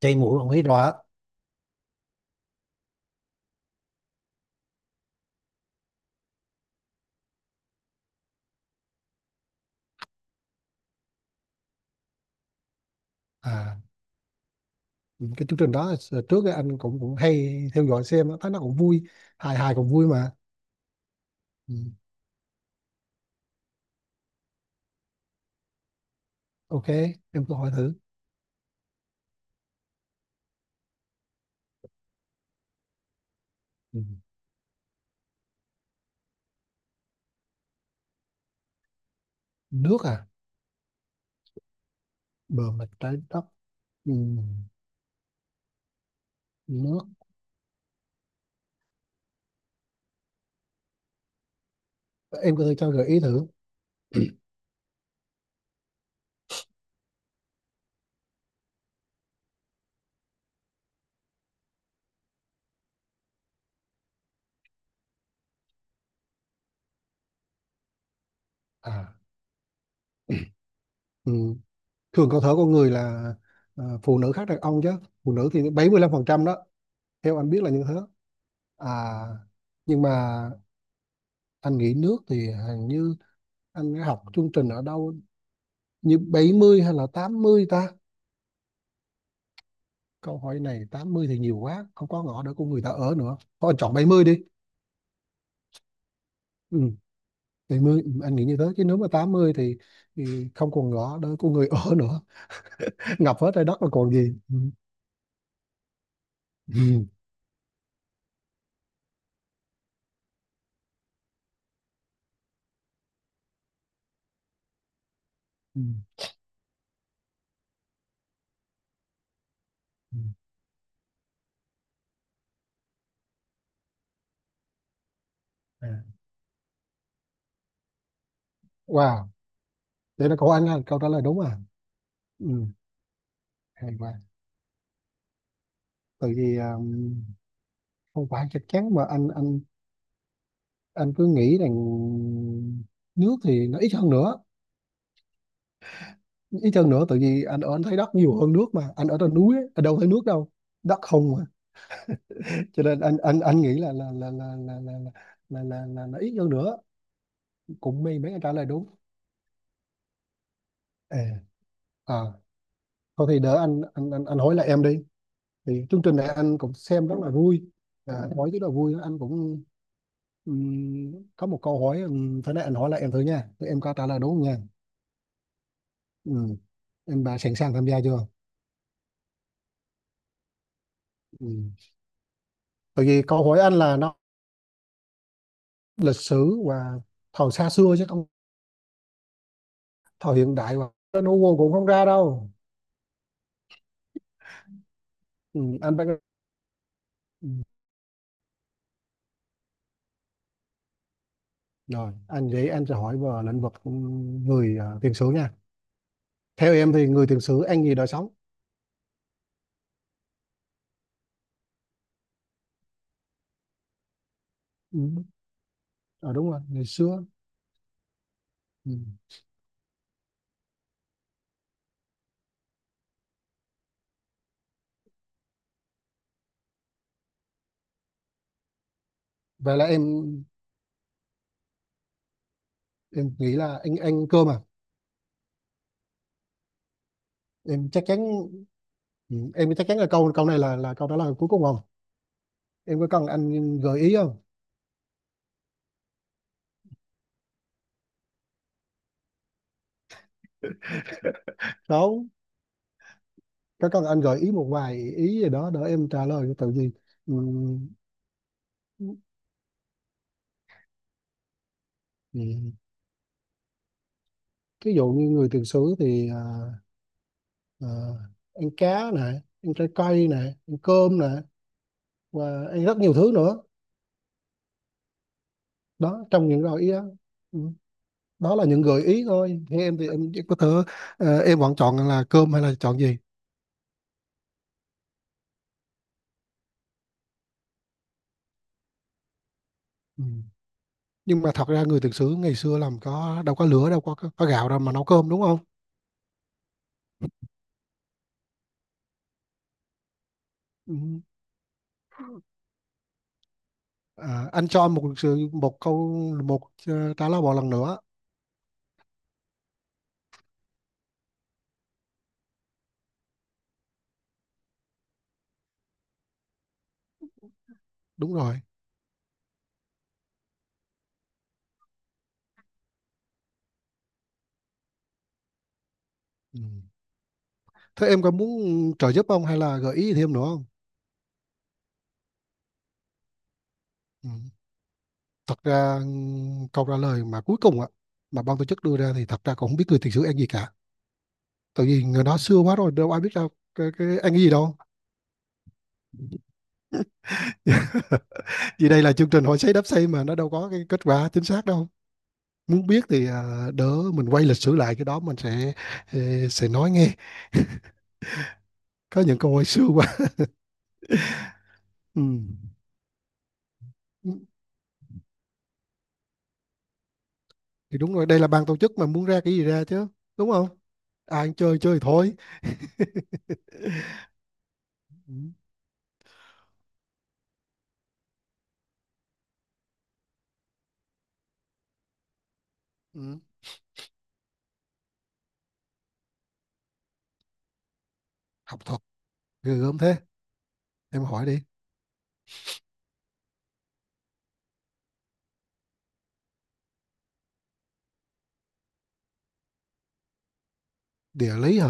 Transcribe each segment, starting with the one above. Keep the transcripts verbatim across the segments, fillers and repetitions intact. Chảy mũi ông thấy rõ. à những cái chương trình đó s- trước ấy anh cũng cũng hay theo dõi xem á, thấy nó cũng vui, hài hài cũng vui mà. Ừ. OK, em cứ hỏi thử. Ừ. Nước à? Bờ mặt trái đất. Ừ. Nước. Em có thể cho gợi ý thử. à ừ. Thường cơ thể con người là, à, phụ nữ khác đàn ông chứ. Phụ nữ thì bảy mươi lăm phần trăm đó, theo anh biết là như thế. à nhưng mà anh nghĩ nước thì hình như anh đã học chương trình ở đâu, như bảy mươi hay là tám mươi ta. Câu hỏi này tám mươi thì nhiều quá, không có ngõ để của người ta ở nữa. Thôi anh chọn bảy mươi đi. Ừ, bảy mươi, ừ, anh nghĩ như thế. Chứ nếu mà tám mươi thì, thì không còn ngõ để của người ở nữa. Ngập hết trái đất là còn gì. Ừ. Ừ. Ừ. Ừ. À. Wow, vậy là cậu anh là câu trả lời đúng à. Ừ, hay quá. Tại vì um, không phải chắc chắn mà anh anh anh cứ nghĩ rằng nước thì nó ít hơn nữa. Ít hơn nữa tại vì anh ở, anh thấy đất nhiều hơn nước mà. Anh ở trên núi, ấy, anh đâu thấy nước đâu. Đất không, cho nên anh anh anh nghĩ là là là là là là là, là, là, là, ít hơn nữa. Cũng may mấy anh trả lời đúng. à, à Thôi thì đỡ anh anh anh, anh hỏi lại em đi. Thì chương trình này anh cũng xem rất là vui, à, hỏi rất là vui, anh cũng ừm, có một câu hỏi, um, thế này anh hỏi lại em thử nha. Thì em có trả lời đúng không nha. Ừm, em bà sẵn sàng tham gia chưa. Ừm, tại vì câu hỏi anh là nó lịch sử và thời xa xưa, chứ không thời hiện đại, và nó Google cũng không ra đâu. Ừm, anh phải. Rồi, anh vậy anh sẽ hỏi vào lĩnh vực ừ, người ờ, tiền sử nha. Theo em thì người tiền sử ăn gì đời sống? Ừ. Ờ, đúng rồi, ngày xưa. Ừ. Vậy là em em nghĩ là anh ăn cơm à? Em chắc chắn, ừ, em chắc chắn là câu câu này là là câu trả lời cuối cùng không? Em có cần anh gợi ý không? Đâu, có cần anh gợi ý một vài ý gì đó để em trả lời tự gì? Ừ. Ừ. Ví dụ như người tiền sử thì ờ, ờ, ăn cá này, ăn trái cây này, ăn cơm này và ăn rất nhiều thứ nữa, đó trong những gợi ý đó. Ừ, đó là những gợi ý thôi. Thế em thì em chỉ có thể, ờ, em vẫn chọn là cơm hay là chọn gì. Ừ. Nhưng mà thật ra người thực sự ngày xưa làm có đâu có lửa, đâu có có, có gạo đâu mà nấu cơm, đúng không. Ừ. À, anh cho em một sự một câu, một, ờ, trả lời một lần nữa. Đúng rồi. Ừ. Thế em có muốn trợ giúp không hay là gợi ý thêm nữa không. Ừ. Thật ra, ừ, câu trả lời mà cuối cùng ạ, mà ban tổ chức đưa ra thì thật ra cũng không biết người thực sự ăn gì cả, tại vì người đó xưa quá rồi đâu ai biết đâu cái, cái ăn cái gì đâu. Vì đây là chương trình hỏi sấy đáp xây mà, nó đâu có cái kết quả chính xác đâu. Muốn biết thì à, đỡ mình quay lịch sử lại, cái đó mình sẽ, ờ, sẽ nói nghe. Có những câu hỏi xưa quá. Ừ. Thì đúng rồi, đây là ban tổ chức mà, muốn ra cái gì ra chứ, đúng không. Ai ăn chơi chơi thôi. Ừ. Ừ. Học thuật ghê gớm thế. Em hỏi đi. Địa lý hả?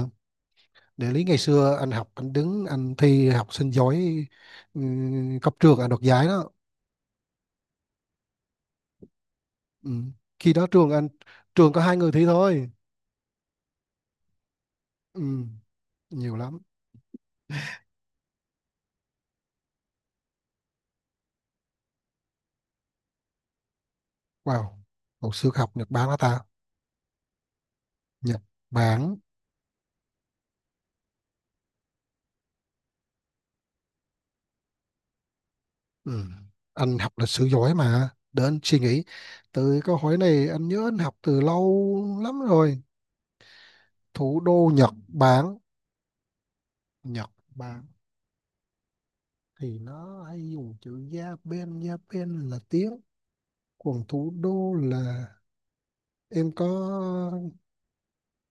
Địa lý ngày xưa anh học, anh đứng anh thi học sinh giỏi, ừ, cấp trường anh đoạt giải đó. Ừ. Khi đó trường anh, trường có hai người thi thôi. Ừ. Nhiều lắm. Wow, hồi xưa học Nhật Bản hả ta. Nhật Bản. Ừ. Anh học lịch sử giỏi mà, để anh suy nghĩ. Từ câu hỏi này anh nhớ anh học từ lâu lắm rồi. Thủ đô Nhật Bản. Nhật Bản thì nó hay dùng chữ Japan, Japan là tiếng. Còn thủ đô là, em có,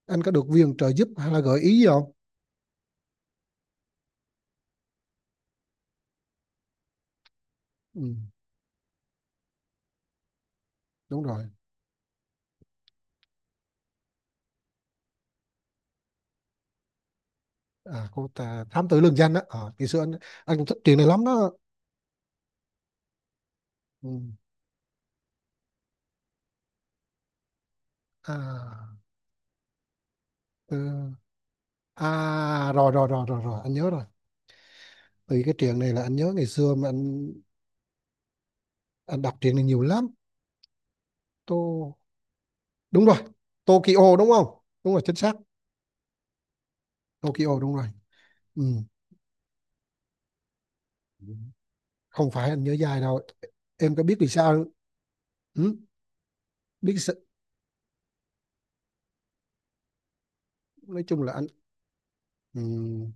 anh có được viện trợ giúp hay là gợi ý gì không. Ừ. Đúng rồi. À, cô ta thám tử lương danh đó. Ờ, ngày xưa anh anh cũng thích chuyện này lắm đó. Ừ. À, ừ. À rồi, rồi rồi rồi rồi anh nhớ rồi. Từ cái chuyện này là anh nhớ ngày xưa mà anh anh đọc chuyện này nhiều lắm. Tô, đúng rồi, Tokyo đúng không, đúng rồi, chính xác. Tokyo đúng rồi. Ừ. Không phải anh nhớ dài đâu. Em có biết vì sao không? Ừ, biết sự-, nói chung là anh ừm,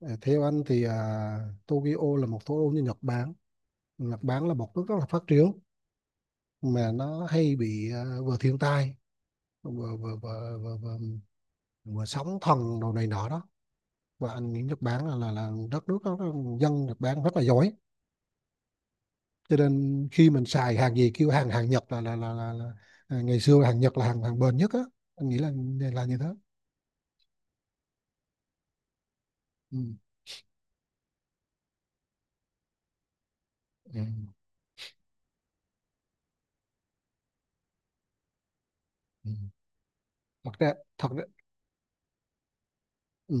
à, theo anh thì à, Tokyo là một thủ đô như Nhật Bản. Nhật Bản là một nước rất là phát triển, mà nó hay bị ờ, vừa thiên tai, vừa vừa vừa, vừa, vừa, vừa sóng thần đồ này nọ đó. Và anh nghĩ Nhật Bản là là, là đất nước đó, dân Nhật Bản rất là giỏi, cho nên khi mình xài hàng gì kêu hàng, hàng Nhật là là là, là, là, à, ngày xưa hàng Nhật là hàng, hàng bền nhất á, anh nghĩ là là như thế. Ừ. Ừ. Ừ. Thật ra, thật ra, ừ,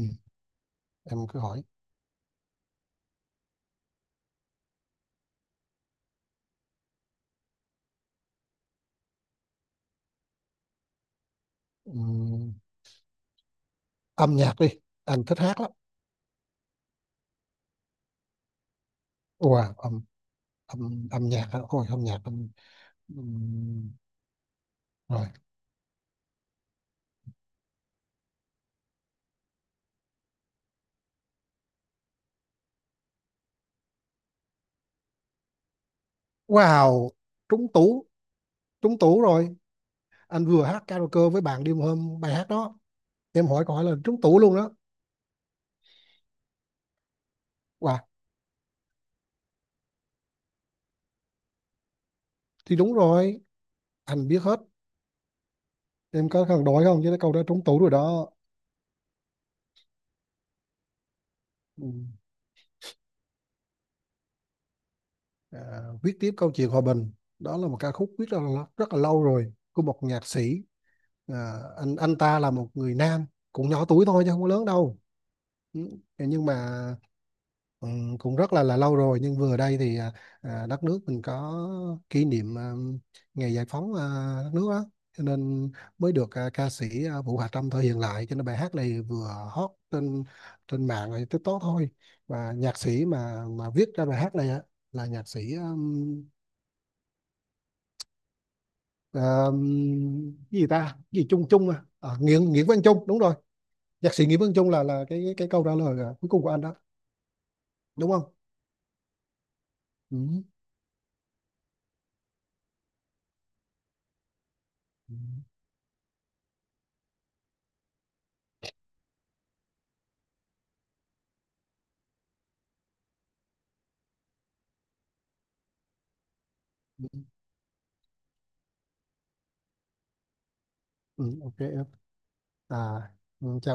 em cứ hỏi. Ừ. Âm nhạc đi, anh thích hát lắm. Wow, âm âm âm nhạc á. Ôi âm nhạc âm... Ừ. Rồi. Wow, trúng tủ, trúng tủ rồi. Anh vừa hát karaoke với bạn đêm hôm bài hát đó. Em hỏi câu hỏi là trúng tủ luôn đó. Wow, thì đúng rồi, anh biết hết. Em có cần đổi không chứ cái câu đó trúng tủ rồi đó. Ừ. À, viết tiếp câu chuyện hòa bình. Đó là một ca khúc viết rất là, rất là lâu rồi của một nhạc sĩ. À, anh anh ta là một người nam, cũng nhỏ tuổi thôi chứ không có lớn đâu. Ừ. Nhưng mà, ừ, cũng rất là là lâu rồi nhưng vừa đây thì à, à, đất nước mình có kỷ niệm à, ngày giải phóng à, đất nước á, cho nên mới được à, ca sĩ à, Vũ Hà Trâm thể hiện lại, cho nên bài hát này vừa hot trên, trên mạng rồi TikTok thôi. Và nhạc sĩ mà mà viết ra bài hát này á là nhạc sĩ um, um, cái gì ta. Cái gì Trung, Trung à, à Nguyễn, Nguyễn Văn Trung, đúng rồi, nhạc sĩ Nguyễn Văn Trung là là cái cái câu trả lời à, cuối cùng của anh đó, đúng không. Ừ. Ừ. Ừ, OK. À, ừ, chào em.